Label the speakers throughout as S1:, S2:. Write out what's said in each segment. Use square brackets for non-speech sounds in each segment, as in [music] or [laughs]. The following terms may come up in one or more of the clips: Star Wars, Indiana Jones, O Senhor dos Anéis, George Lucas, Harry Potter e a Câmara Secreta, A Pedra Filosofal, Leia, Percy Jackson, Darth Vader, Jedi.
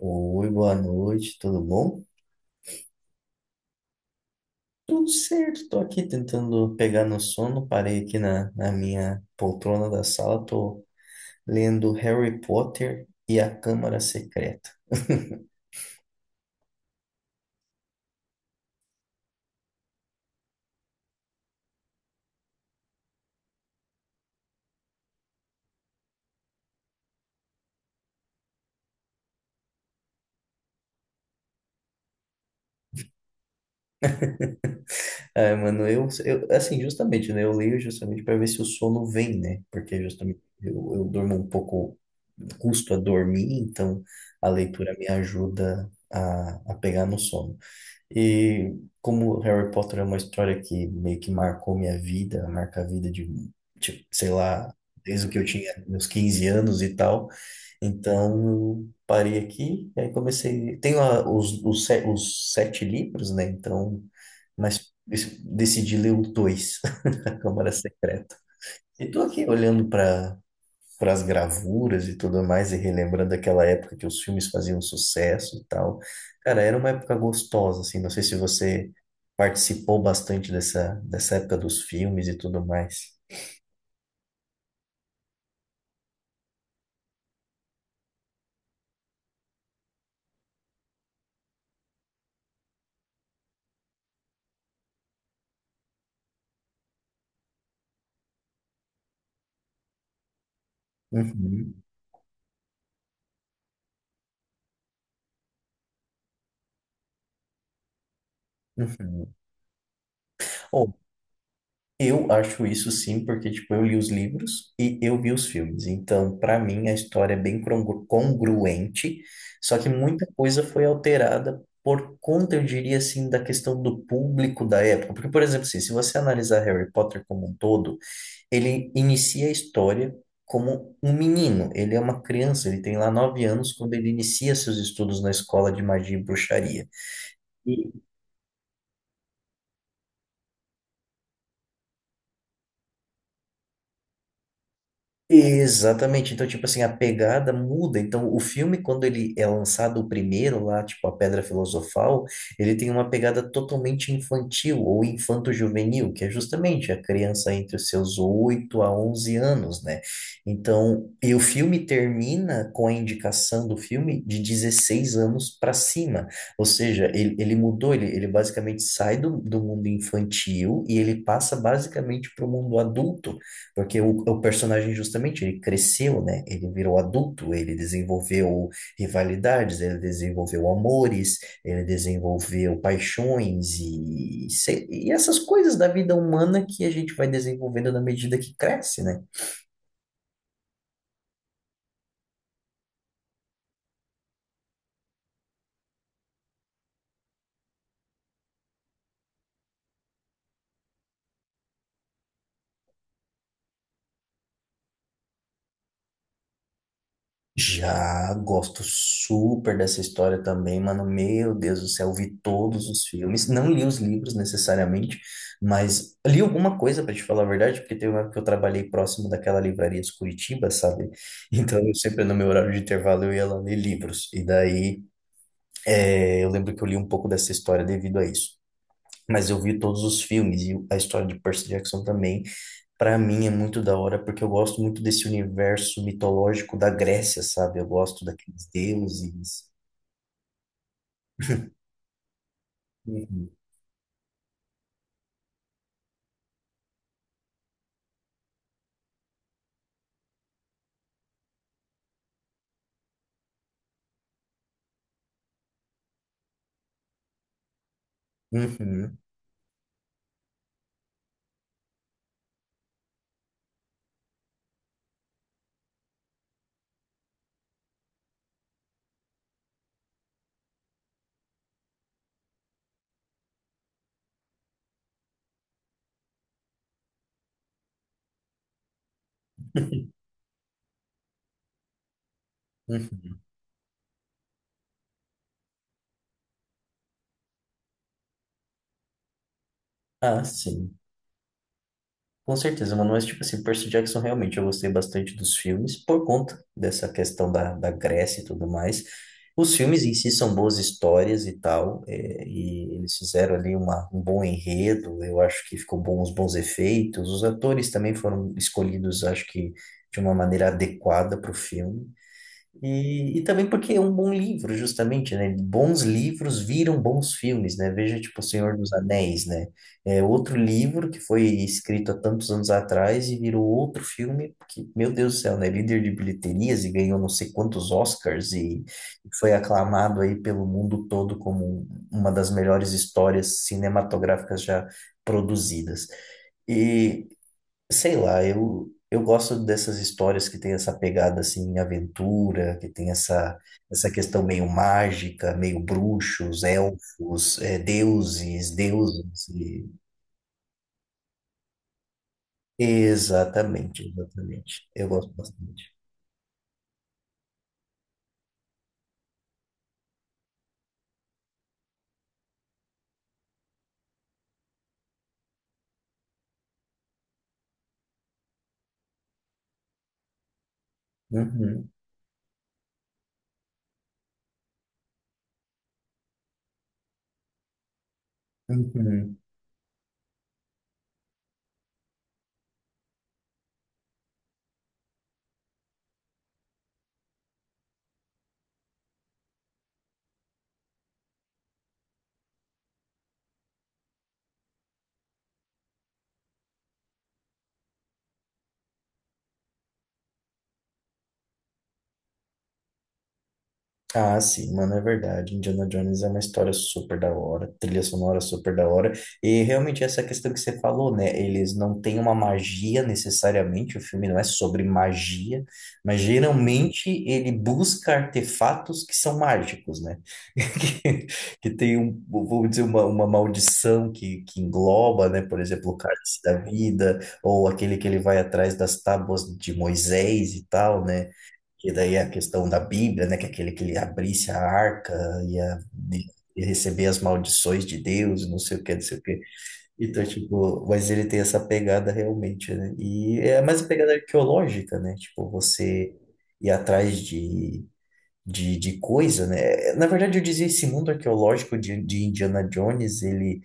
S1: Oi, boa noite, tudo bom? Tudo certo, tô aqui tentando pegar no sono, parei aqui na minha poltrona da sala, tô lendo Harry Potter e a Câmara Secreta. [laughs] Ah, mano, eu, assim, justamente, né, eu leio justamente para ver se o sono vem, né, porque justamente eu durmo um pouco, custo a dormir, então a leitura me ajuda a pegar no sono. E como Harry Potter é uma história que meio que marcou minha vida, marca a vida de, tipo, sei lá, desde o que eu tinha meus 15 anos e tal, então eu parei aqui e aí comecei. Tenho a- os, se- os sete livros, né? Então, mas decidi ler os dois, [laughs] A Câmara Secreta. E tô aqui olhando para as gravuras e tudo mais, e relembrando aquela época que os filmes faziam sucesso e tal. Cara, era uma época gostosa, assim, não sei se você participou bastante dessa época dos filmes e tudo mais. Uhum, uhum. Eu acho isso sim, porque tipo, eu li os livros e eu vi os filmes. Então, para mim, a história é bem congruente, só que muita coisa foi alterada por conta, eu diria assim, da questão do público da época. Porque, por exemplo, assim, se você analisar Harry Potter como um todo, ele inicia a história como um menino. Ele é uma criança, ele tem lá 9 anos quando ele inicia seus estudos na escola de magia e bruxaria. Exatamente. Então, tipo assim, a pegada muda. Então, o filme, quando ele é lançado, o primeiro lá, tipo A Pedra Filosofal, ele tem uma pegada totalmente infantil ou infanto-juvenil, que é justamente a criança entre os seus 8 a 11 anos, né? Então, e o filme termina com a indicação do filme de 16 anos para cima. Ou seja, ele mudou, ele basicamente sai do mundo infantil e ele passa basicamente para o mundo adulto. Porque o personagem, justamente, ele cresceu, né? Ele virou adulto, ele desenvolveu rivalidades, ele desenvolveu amores, ele desenvolveu paixões e, se- e essas coisas da vida humana que a gente vai desenvolvendo na medida que cresce, né? Já gosto super dessa história também, mano. Meu Deus do céu, vi todos os filmes. Não li os livros necessariamente, mas li alguma coisa para te falar a verdade, porque teve uma época que eu trabalhei próximo daquela livraria de Curitiba, sabe? [laughs] Então, eu sempre no meu horário de intervalo eu ia lá ler livros. E daí, eu lembro que eu li um pouco dessa história devido a isso. Mas eu vi todos os filmes e a história de Percy Jackson também. Pra mim é muito da hora, porque eu gosto muito desse universo mitológico da Grécia, sabe? Eu gosto daqueles deuses. Uhum, uhum, uhum. Ah, sim. Com certeza, mano. Mas, tipo assim, Percy Jackson, realmente, eu gostei bastante dos filmes por conta dessa questão da Grécia e tudo mais. Os filmes em si são boas histórias e tal, é, e eles fizeram ali um bom enredo, eu acho que ficou bom, os bons efeitos. Os atores também foram escolhidos, acho que, de uma maneira adequada para o filme. E também porque é um bom livro, justamente, né? Bons livros viram bons filmes, né? Veja, tipo, O Senhor dos Anéis, né? É outro livro que foi escrito há tantos anos atrás e virou outro filme, porque, meu Deus do céu, né? Líder de bilheterias e ganhou não sei quantos Oscars e foi aclamado aí pelo mundo todo como uma das melhores histórias cinematográficas já produzidas. E sei lá, eu gosto dessas histórias que tem essa pegada assim, aventura, que tem essa questão meio mágica, meio bruxos, elfos, deuses, deuses. Exatamente, exatamente. Eu gosto bastante. Uhum, uhum. Ah, sim, mano, é verdade. Indiana Jones é uma história super da hora, trilha sonora super da hora. E realmente essa questão que você falou, né? Eles não têm uma magia necessariamente, o filme não é sobre magia, mas geralmente ele busca artefatos que são mágicos, né? [laughs] Que, que tem um, vamos dizer, uma maldição que engloba, né? Por exemplo, o cálice da vida, ou aquele que ele vai atrás das tábuas de Moisés e tal, né? Que daí a questão da Bíblia, né? Que é aquele que ele abrisse a arca ia, ia receber as maldições de Deus, não sei o que, não sei o que. Então, tipo, mas ele tem essa pegada realmente, né? E é mais a pegada arqueológica, né? Tipo, você ir atrás de coisa, né? Na verdade, eu dizia esse mundo arqueológico de Indiana Jones, ele.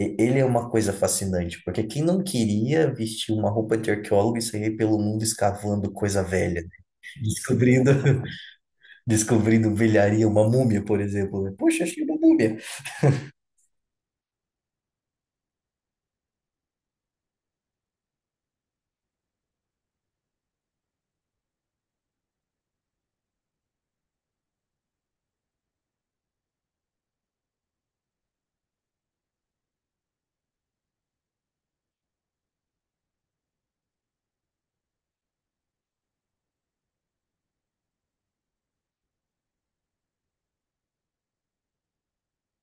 S1: e- ele é uma coisa fascinante, porque quem não queria vestir uma roupa de arqueólogo e sair pelo mundo escavando coisa velha, descobrindo [laughs] descobrindo velharia, uma múmia, por exemplo. Né? Poxa, achei uma múmia.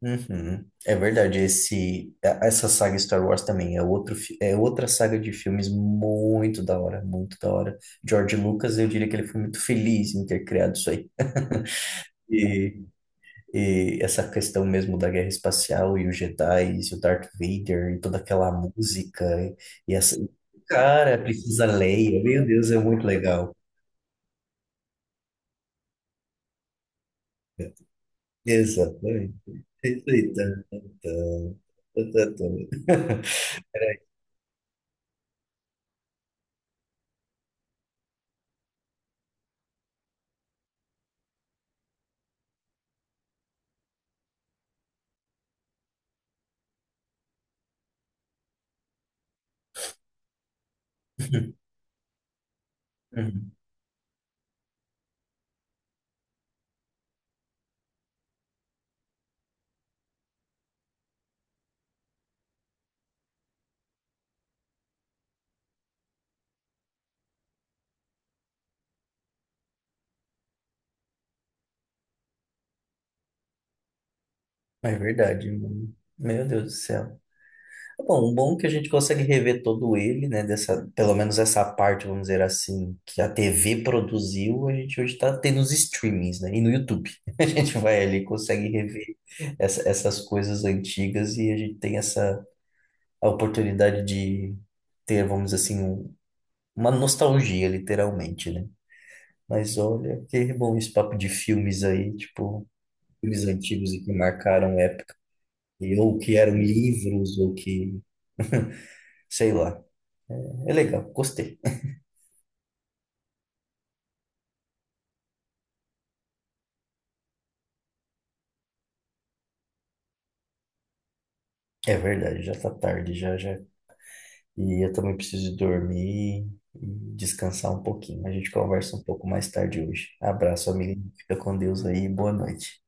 S1: Uhum. É verdade, essa saga Star Wars também é é outra saga de filmes muito da hora, muito da hora. George Lucas, eu diria que ele foi muito feliz em ter criado isso aí. [laughs] E, e essa questão mesmo da guerra espacial e os Jedi e o Darth Vader e toda aquela música e essa cara, precisa Leia, meu Deus, é muito legal. Exatamente. Perfeita. [laughs] Uhum, uhum. É verdade, mano. Meu Deus do céu. Bom, o bom é que a gente consegue rever todo ele, né? Dessa, pelo menos essa parte, vamos dizer assim, que a TV produziu, a gente hoje está tendo os streamings, né? E no YouTube. [laughs] A gente vai ali e consegue rever essas coisas antigas e a gente tem essa a oportunidade de ter, vamos dizer assim, uma nostalgia, literalmente, né? Mas olha, que bom esse papo de filmes aí, tipo, filmes antigos e que marcaram ou que eram livros, ou que, sei lá. É legal, gostei. É verdade, já tá tarde, já. E eu também preciso dormir e descansar um pouquinho. A gente conversa um pouco mais tarde hoje. Abraço, amigo. Fica com Deus aí, boa noite.